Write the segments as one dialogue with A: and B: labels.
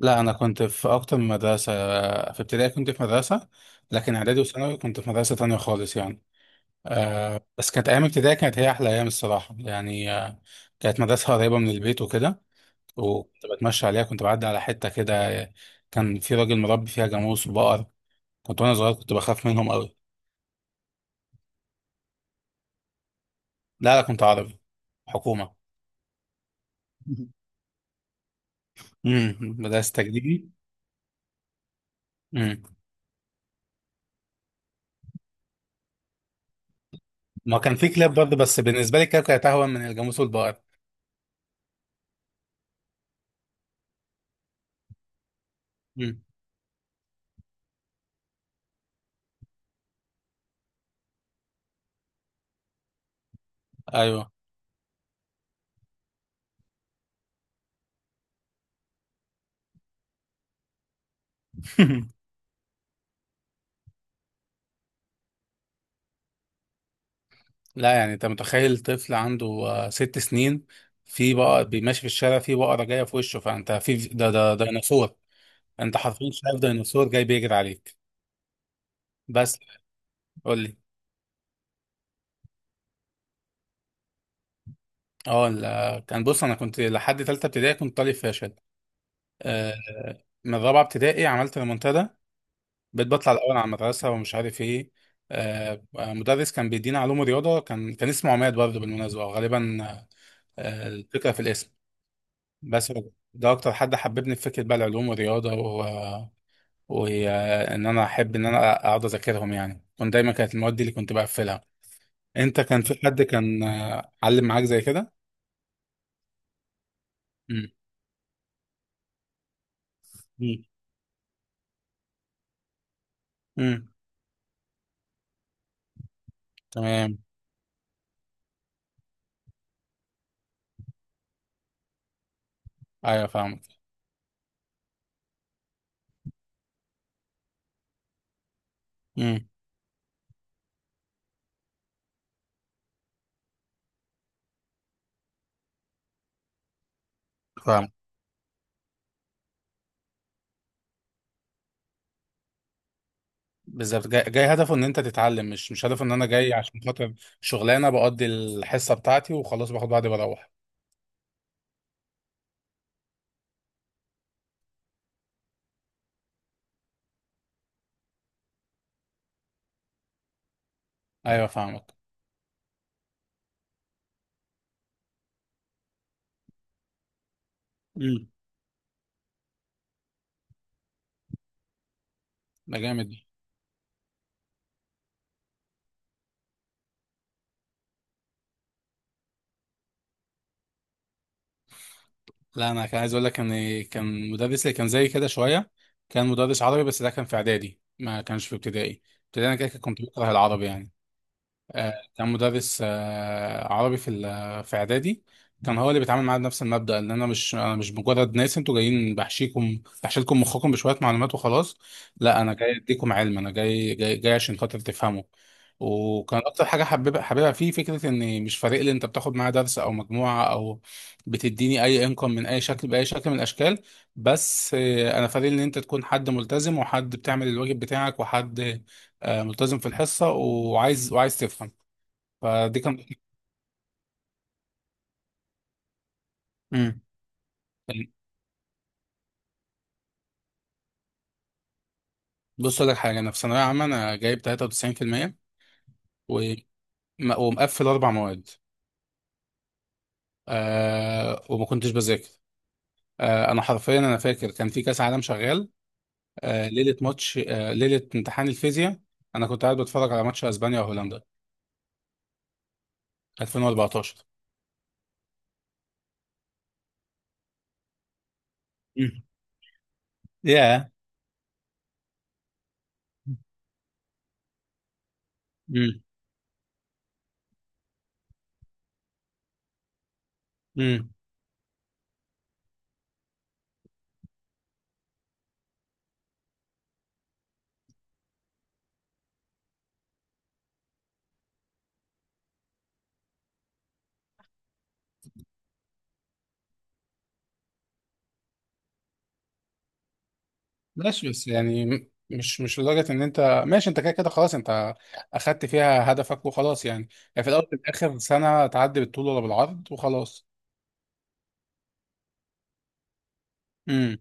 A: لا انا كنت في اكتر من مدرسه. في ابتدائي كنت في مدرسه، لكن اعدادي وثانوي كنت في مدرسه تانية خالص يعني. أه بس كانت ايام ابتدائي كانت هي احلى ايام الصراحه يعني. أه كانت مدرسه قريبه من البيت وكده، وكنت بتمشى عليها، كنت بعدي على حته كده. آه، كان في راجل مربي فيها جاموس وبقر. كنت وانا صغير كنت بخاف منهم قوي. لا لا كنت عربي، حكومه. مدرسه تجريبي. امم ما كان في كلاب برضه، بس بالنسبه لي الكلاب كانت اهون من الجاموس والبقر. امم، ايوه. لا يعني، انت متخيل طفل عنده ست سنين في بقى بيمشي في الشارع، في بقرة جاية في وشه، فانت في ده ديناصور. انت حرفيا شايف ديناصور جاي بيجري عليك. بس قول لي. اه ال- كان بص، انا كنت لحد ثالثة ابتدائي كنت طالب فاشل. آه، من رابعة ابتدائي عملت ريمونتادا، بقيت بطلع الاول على المدرسة ومش عارف ايه. مدرس كان بيدينا علوم رياضة، كان اسمه عماد برضه بالمناسبة غالبا. الفكرة في الاسم بس. ده اكتر حد حببني في فكره بقى العلوم والرياضه و... وان انا احب ان انا اقعد اذاكرهم يعني، كنت دايما كانت المواد دي اللي كنت بقفلها. انت كان في حد كان علم معاك زي كده؟ امم. امم. أمم. تمام. ايوه فاهمك. امم. فاهم. بالظبط، جاي هدفه ان انت تتعلم، مش هدفه ان انا جاي عشان خاطر شغلانه بقضي الحصه بتاعتي وخلاص باخد بعضي بروح. ايوه فاهمك. امم. ده جامد. لا انا كان عايز اقول لك ان كان مدرس اللي كان زي كده شويه، كان مدرس عربي، بس ده كان في اعدادي، ما كانش في ابتدائي. ابتدائي انا كده كنت بكره العربي يعني. كان مدرس عربي في في اعدادي، كان هو اللي بيتعامل معايا بنفس المبدأ ان انا مش مجرد ناس انتوا جايين بحشيكم بحشيلكم مخكم بشوية معلومات وخلاص. لا انا جاي اديكم علم، انا جاي عشان خاطر تفهموا. وكان اكتر حاجة حبيبها فيه فكرة ان مش فارق لي انت بتاخد معايا درس او مجموعة او بتديني اي، انكم من اي شكل باي شكل من الاشكال. بس انا فارق لي ان انت تكون حد ملتزم، وحد بتعمل الواجب بتاعك، وحد ملتزم في الحصة وعايز تفهم. فدي كان. امم. بص اقول لك حاجه، انا في ثانويه عامه انا جايب 93% و... ومقفل اربع مواد. آه، وما كنتش بذاكر. آه، انا حرفيا انا فاكر كان في كاس عالم شغال. آه، ليله ماتش، ليله امتحان الفيزياء انا كنت قاعد بتفرج على ماتش اسبانيا وهولندا. 2014. يا. ياه امم ماشي، بس يعني مش لدرجة ان انت، ماشي، انت كده كده خلاص، انت اخدت فيها هدفك وخلاص يعني. يعني في الاول وفي الاخر سنة تعدي بالطول ولا بالعرض وخلاص. امم.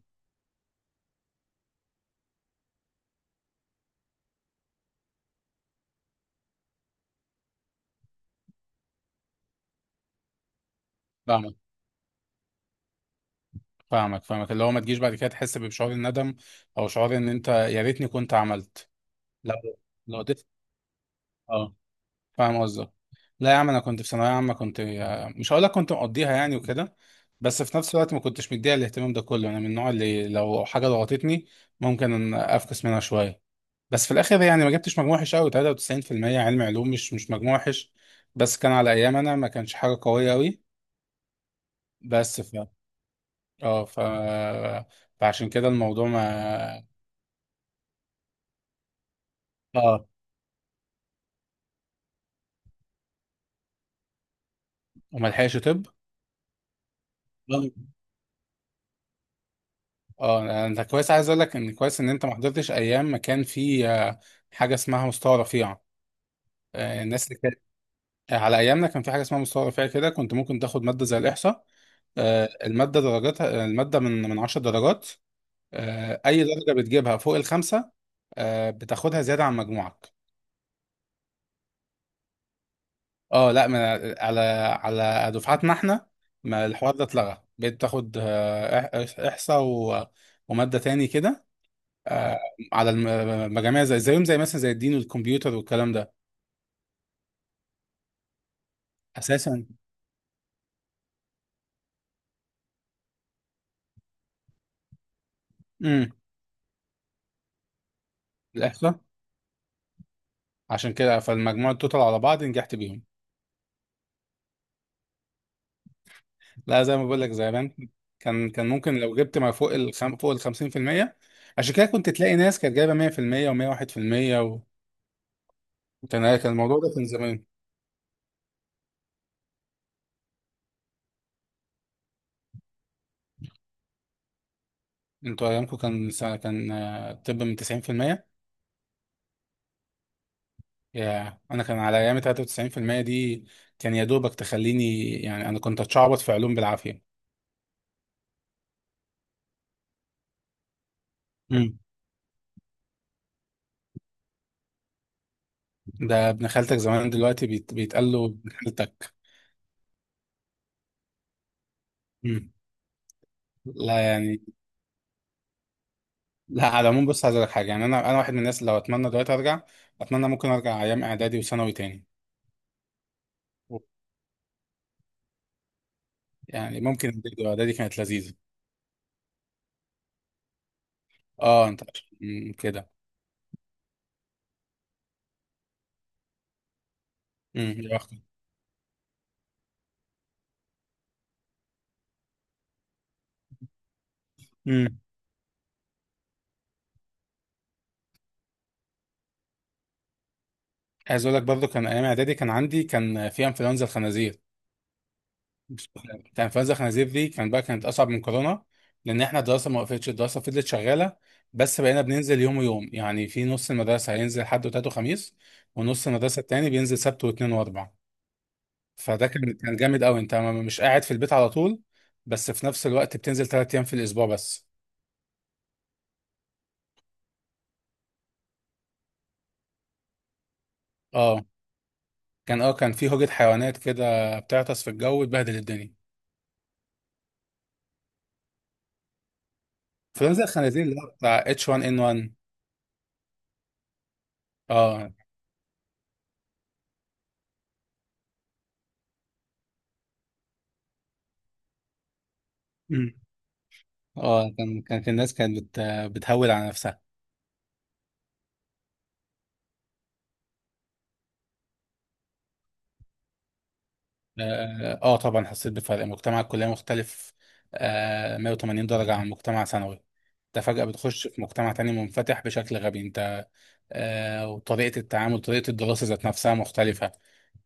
A: فاهمك، فاهمك، فاهمك، اللي هو ما تجيش بعد كده تحس بشعور الندم، او شعور ان انت يا ريتني كنت عملت. لو لو قدرت. اه، فاهم قصدك. لا يا عم، انا كنت في ثانوية عامة كنت، مش هقول لك كنت مقضيها يعني وكده، بس في نفس الوقت ما كنتش مديها الاهتمام ده كله. انا من النوع اللي لو حاجة ضغطتني ممكن أن افكس منها شوية، بس في الاخر يعني ما جبتش مجموع وحش قوي، 93%. علم علوم، مش مجموع وحش، بس كان على ايام انا ما كانش حاجه قويه قوي. بس ف اه ف فعشان كده الموضوع ما. اه وما لحقش طب. اه، انت كويس، عايز اقول لك ان كويس ان انت ما حضرتش ايام ما كان في حاجه اسمها مستوى رفيع. الناس اللي كانت على ايامنا، كان في حاجه اسمها مستوى رفيع كده، كنت ممكن تاخد ماده زي الاحصاء. الماده درجاتها، الماده من 10 درجات. اي درجه بتجيبها فوق الخمسه، بتاخدها زياده عن مجموعك. اه، لا ما. على على دفعاتنا احنا ما الحوار ده اتلغى، بقيت تاخد احصاء وماده تاني كده، آه، المجاميع زي زيهم زي مثلا زي الدين والكمبيوتر والكلام ده اساسا. امم الاحصاء، عشان كده فالمجموع التوتال على بعض نجحت بيهم. لا زي ما بقول لك، زي ما كان ممكن لو جبت ما فوق فوق ال 50%. عشان كده كنت تلاقي ناس كانت جايبه 100% و101%. كان كان الموضوع ده كان زمان. انتوا ايامكم كان الطب من 90%. يا، انا كان على ايامي 93% دي كان يا دوبك تخليني يعني، انا كنت اتشعبط في علوم بالعافيه. امم. ده ابن خالتك زمان دلوقتي بيتقال له ابن خالتك. امم. لا يعني. لا على العموم، بص عايز اقول لك حاجه يعني، انا واحد من الناس لو اتمنى دلوقتي ارجع، اتمنى ممكن ارجع ايام اعدادي وثانوي تاني. يعني ممكن إعدادي كانت لذيذه. اه، انت كده. امم. يا بختك. عايز اقول لك برضه كان ايام اعدادي كان عندي كان في انفلونزا الخنازير. كان انفلونزا الخنازير دي كان بقى كانت اصعب من كورونا، لان احنا الدراسه ما وقفتش، الدراسه فضلت شغاله، بس بقينا بننزل يوم ويوم يعني، في نص المدرسه هينزل حد وتلات وخميس، ونص المدرسه التاني بينزل سبت واثنين واربع. فده كان جامد قوي، انت مش قاعد في البيت على طول، بس في نفس الوقت بتنزل ثلاث ايام في الاسبوع بس. اه، كان في هوجة حيوانات كده بتعطس في الجو وتبهدل الدنيا. انفلونزا الخنازير اللي هو بتاع H1N1. اه اه كان كانت الناس كانت بتهول على نفسها. اه، طبعا حسيت بفرق. مجتمع الكلية مختلف آه 180 درجة عن مجتمع ثانوي. انت فجأة بتخش في مجتمع تاني منفتح بشكل غبي، انت. وطريقة التعامل، طريقة الدراسة ذات نفسها مختلفة.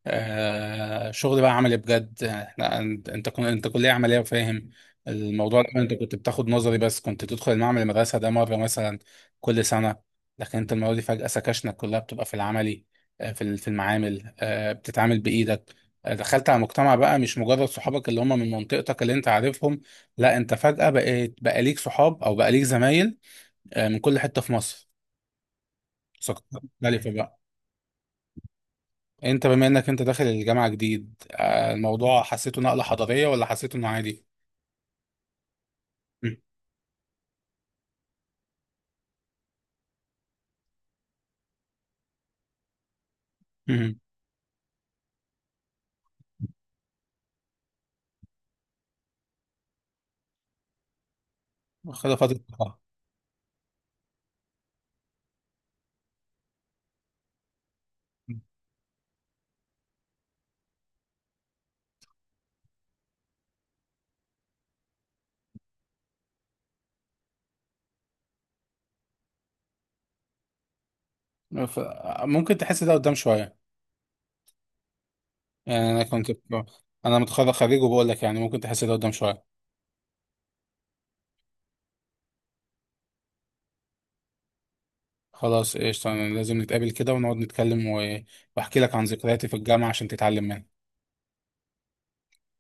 A: آه، شغل بقى عملي بجد احنا. انت كلية عملية وفاهم الموضوع ده، انت كنت بتاخد نظري بس كنت تدخل المعمل المدرسة ده مرة مثلا كل سنة، لكن انت المرة دي فجأة سكاشنك كلها بتبقى في العملي، في المعامل، بتتعامل بإيدك. دخلت على مجتمع بقى، مش مجرد صحابك اللي هم من منطقتك اللي انت عارفهم، لا انت فجأة بقيت بقى ليك صحاب او بقى ليك زمايل من كل حتة في مصر، ثقافات مختلفة بقى. انت بما انك انت داخل الجامعة جديد، الموضوع حسيته نقلة حضارية ولا حسيته انه عادي؟ مم. مم. خد فترة ف- ممكن تحس ده قدام شوية. يعني انا متخرج خريج وبقول لك يعني، ممكن تحس ده قدام شوية. خلاص قشطة، أنا لازم نتقابل كده ونقعد نتكلم، و... واحكي لك عن ذكرياتي في الجامعة عشان تتعلم منها.